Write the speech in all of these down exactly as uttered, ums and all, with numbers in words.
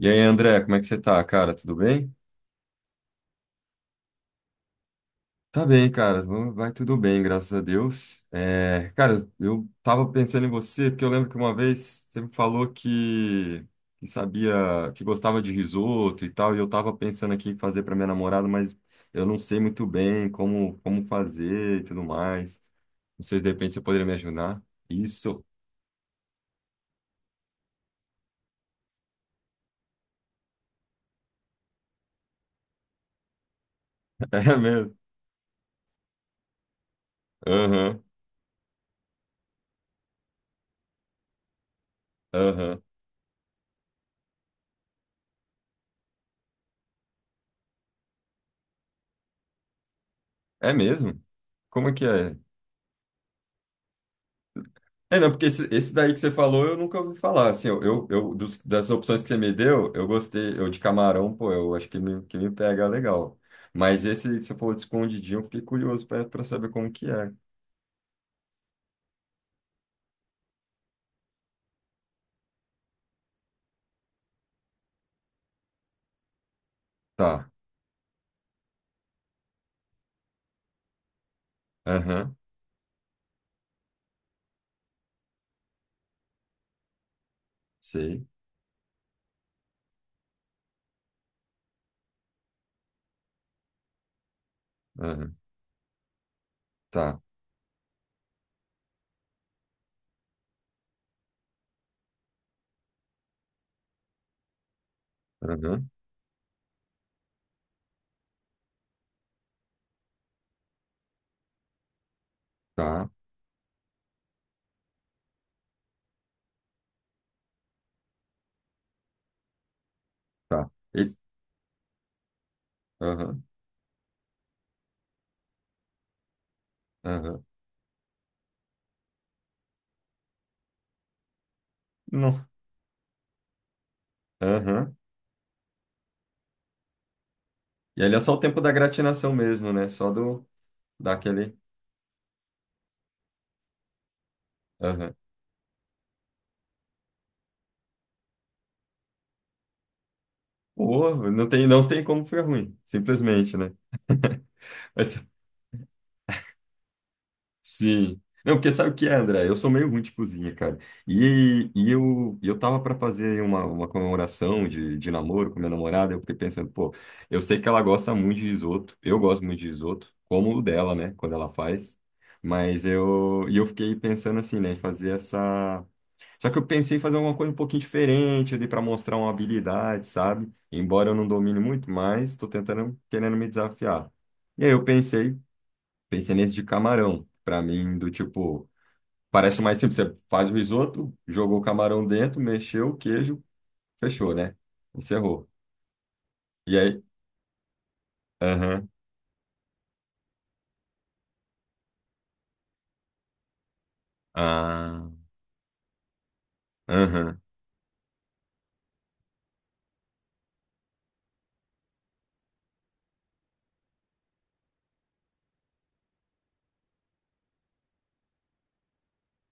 E aí, André, como é que você tá, cara? Tudo bem? Tá bem, cara. Vamos- Vai tudo bem, graças a Deus. É, cara, eu tava pensando em você, porque eu lembro que uma vez você me falou que, que sabia, que gostava de risoto e tal, e eu tava pensando aqui em fazer pra minha namorada, mas eu não sei muito bem como, como fazer e tudo mais. Não sei se de repente você poderia me ajudar. Isso. É mesmo. Aham, aham. É mesmo? Como é que é? É, não, porque esse, esse daí que você falou eu nunca ouvi falar. Assim, eu, eu, eu- dos- das opções que você me deu, eu gostei. Eu de camarão, pô, eu acho que me, que me pega legal. Mas esse, que você falou de escondidinho, eu fiquei curioso para pra saber como que é. Tá. Aham. Sei. Aham. Tá. Aham. Tá. Tá. Esse- Aham. Aham. Não. Aham. E ali é só o tempo da gratinação mesmo, né? Só do daquele. Aham. Pô, não tem, não tem como ficar ruim. Simplesmente, né? Mas sim. Não, porque sabe o que é, André? Eu sou meio ruim de cozinha, cara. E, e eu, e eu tava para fazer uma, uma comemoração de, de namoro com minha namorada. Eu fiquei pensando, pô, eu sei que ela gosta muito de risoto. Eu gosto muito de risoto, como o dela, né? Quando ela faz. Mas eu, e eu fiquei pensando assim, né? em Fazer essa. Só que eu pensei em fazer alguma coisa um pouquinho diferente ali para mostrar uma habilidade, sabe? Embora eu não domine muito, mas tô tentando, querendo me desafiar. E aí eu pensei Pensei nesse de camarão. Pra mim, do tipo, parece o mais simples. Você faz o risoto, jogou o camarão dentro, mexeu o queijo, fechou, né? Encerrou. E aí? Aham. Ah, aham.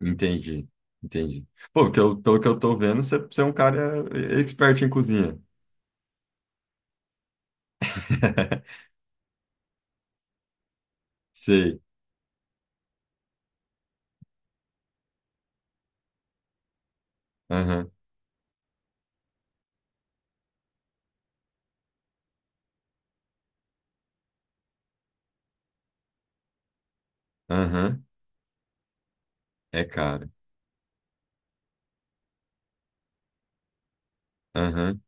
Entendi. Entendi. Pô, porque eu, pelo que eu tô vendo, você, você é um cara expert em cozinha. Sei. Aham. Aham. É caro. Aham.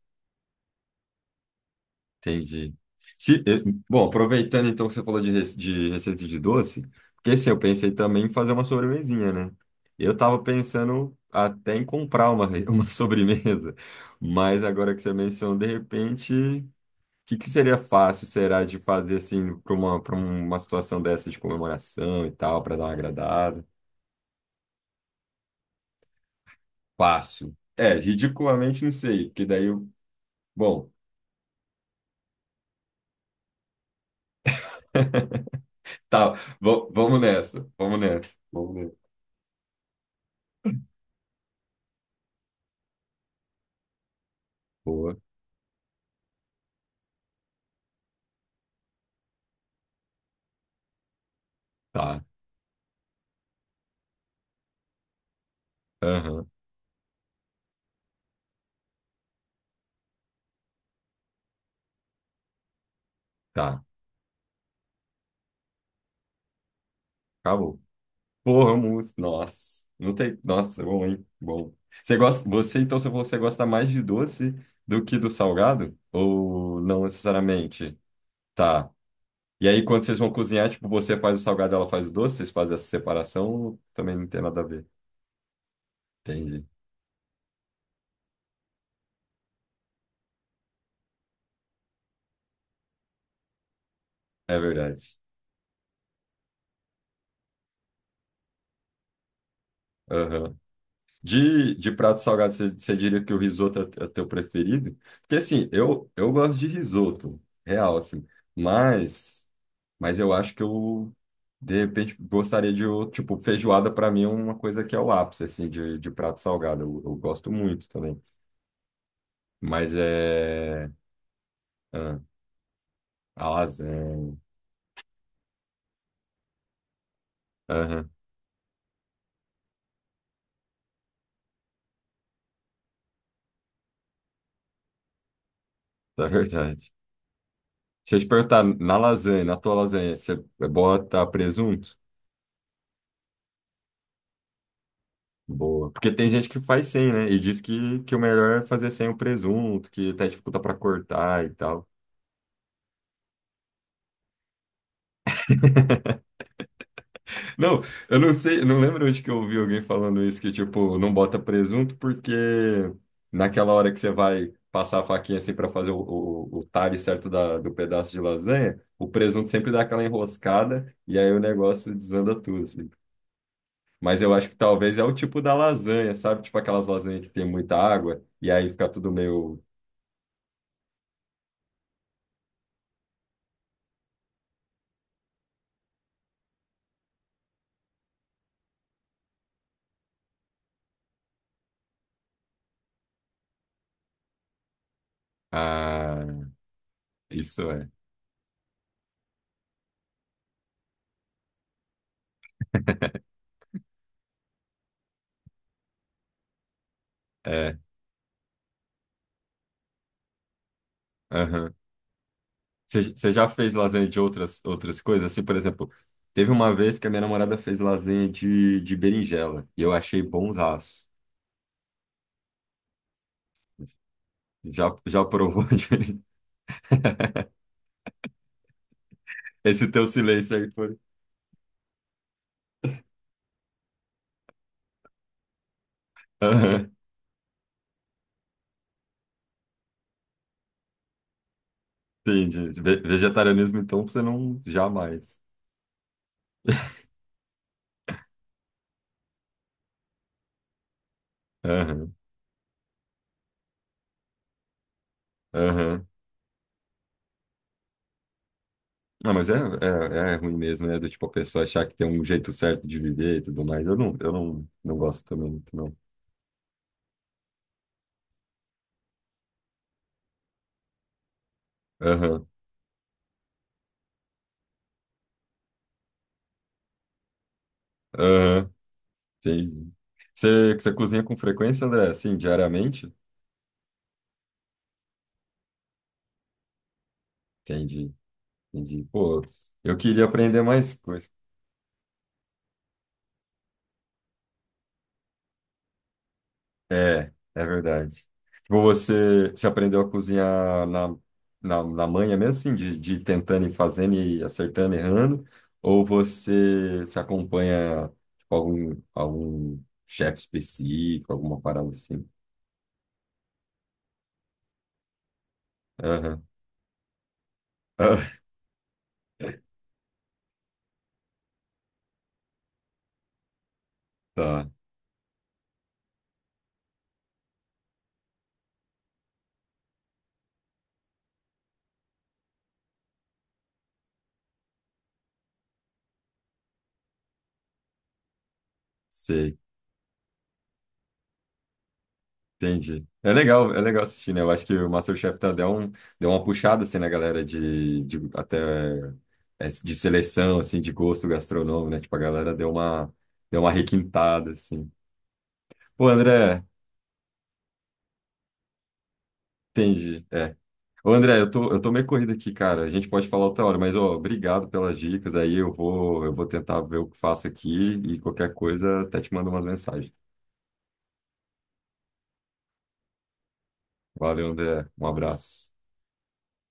Entendi. Se, eh, Bom, aproveitando então que você falou de, rece- de receita de doce, porque assim, eu pensei também em fazer uma sobremesinha, né? Eu tava pensando até em comprar uma, re- uma sobremesa, mas agora que você mencionou, de repente, o que, que seria fácil, será, de fazer assim para uma, para uma situação dessa de comemoração e tal, para dar uma agradada? Fácil. É, ridiculamente não sei, porque daí eu. Bom, tá, va- vamos nessa, vamos nessa, vamos nessa. Boa, tá. Aham. Tá, acabou. Vamos. Nossa, não tem. Nossa, é bom, hein? Bom. Você gosta, você, então, se você gosta mais de doce do que do salgado? Ou não necessariamente? Tá. E aí, quando vocês vão cozinhar, tipo, você faz o salgado, ela faz o doce, vocês fazem essa separação, ou também não tem nada a ver. Entendi. É verdade. Aham. De, de prato salgado, você, você diria que o risoto é, é teu preferido? Porque, assim, eu, eu gosto de risoto, real, assim. Mas. Mas eu acho que eu, de repente, gostaria de, o- tipo, feijoada para mim é uma coisa que é o ápice, assim, de, de prato salgado. Eu, eu gosto muito também. Mas é... ah, a lasanha. Aham, é verdade. Se eu te perguntar, na lasanha, na tua lasanha, você bota presunto? Boa. Porque tem gente que faz sem, né? E diz que, que o melhor é fazer sem o presunto, que até dificulta para cortar e tal. Não, eu não sei, eu não lembro onde que eu ouvi alguém falando isso, que tipo, não bota presunto porque naquela hora que você vai passar a faquinha assim para fazer o, o, o talhe certo da, do pedaço de lasanha, o presunto sempre dá aquela enroscada e aí o negócio desanda tudo, assim. Mas eu acho que talvez é o tipo da lasanha, sabe? Tipo aquelas lasanhas que tem muita água e aí fica tudo meio... Ah, isso é. É, aham. Você você já fez lasanha de outras, outras coisas? Assim, por exemplo, teve uma vez que a minha namorada fez lasanha de, de berinjela e eu achei bonzaço. Já, já provou de- esse teu silêncio aí foi. Aham, entendi. Ve- Vegetarianismo, então, você não jamais. Aham, aham. Não, mas é, é, é ruim mesmo, né? Do tipo a pessoa achar que tem um jeito certo de viver e tudo mais. Eu não, eu não, não gosto também muito, não. Aham, aham, entendi. Você, você cozinha com frequência, André? Assim, diariamente? Entendi, entendi. Pô, eu queria aprender mais coisas. É, é verdade. Tipo, você, você aprendeu a cozinhar na, na, na manha mesmo, assim, de, de ir tentando e fazendo e acertando, errando? Ou você se acompanha, tipo, algum, algum chefe específico, alguma parada assim? Aham. Ah, tá, sei. Entendi. É legal, é legal assistir, né? Eu acho que o MasterChef tá, deu, um, deu uma puxada, assim, na galera de, de até é, de seleção, assim, de gosto gastronômico, né? Tipo, a galera deu uma, deu uma requintada, assim. Ô, André, entendi, é. Ô, André, eu tô, eu tô meio corrido aqui, cara. A gente pode falar outra hora, mas, ó, obrigado pelas dicas. Aí eu vou, eu vou tentar ver o que faço aqui e qualquer coisa até te mando umas mensagens. Valeu, André. Um abraço.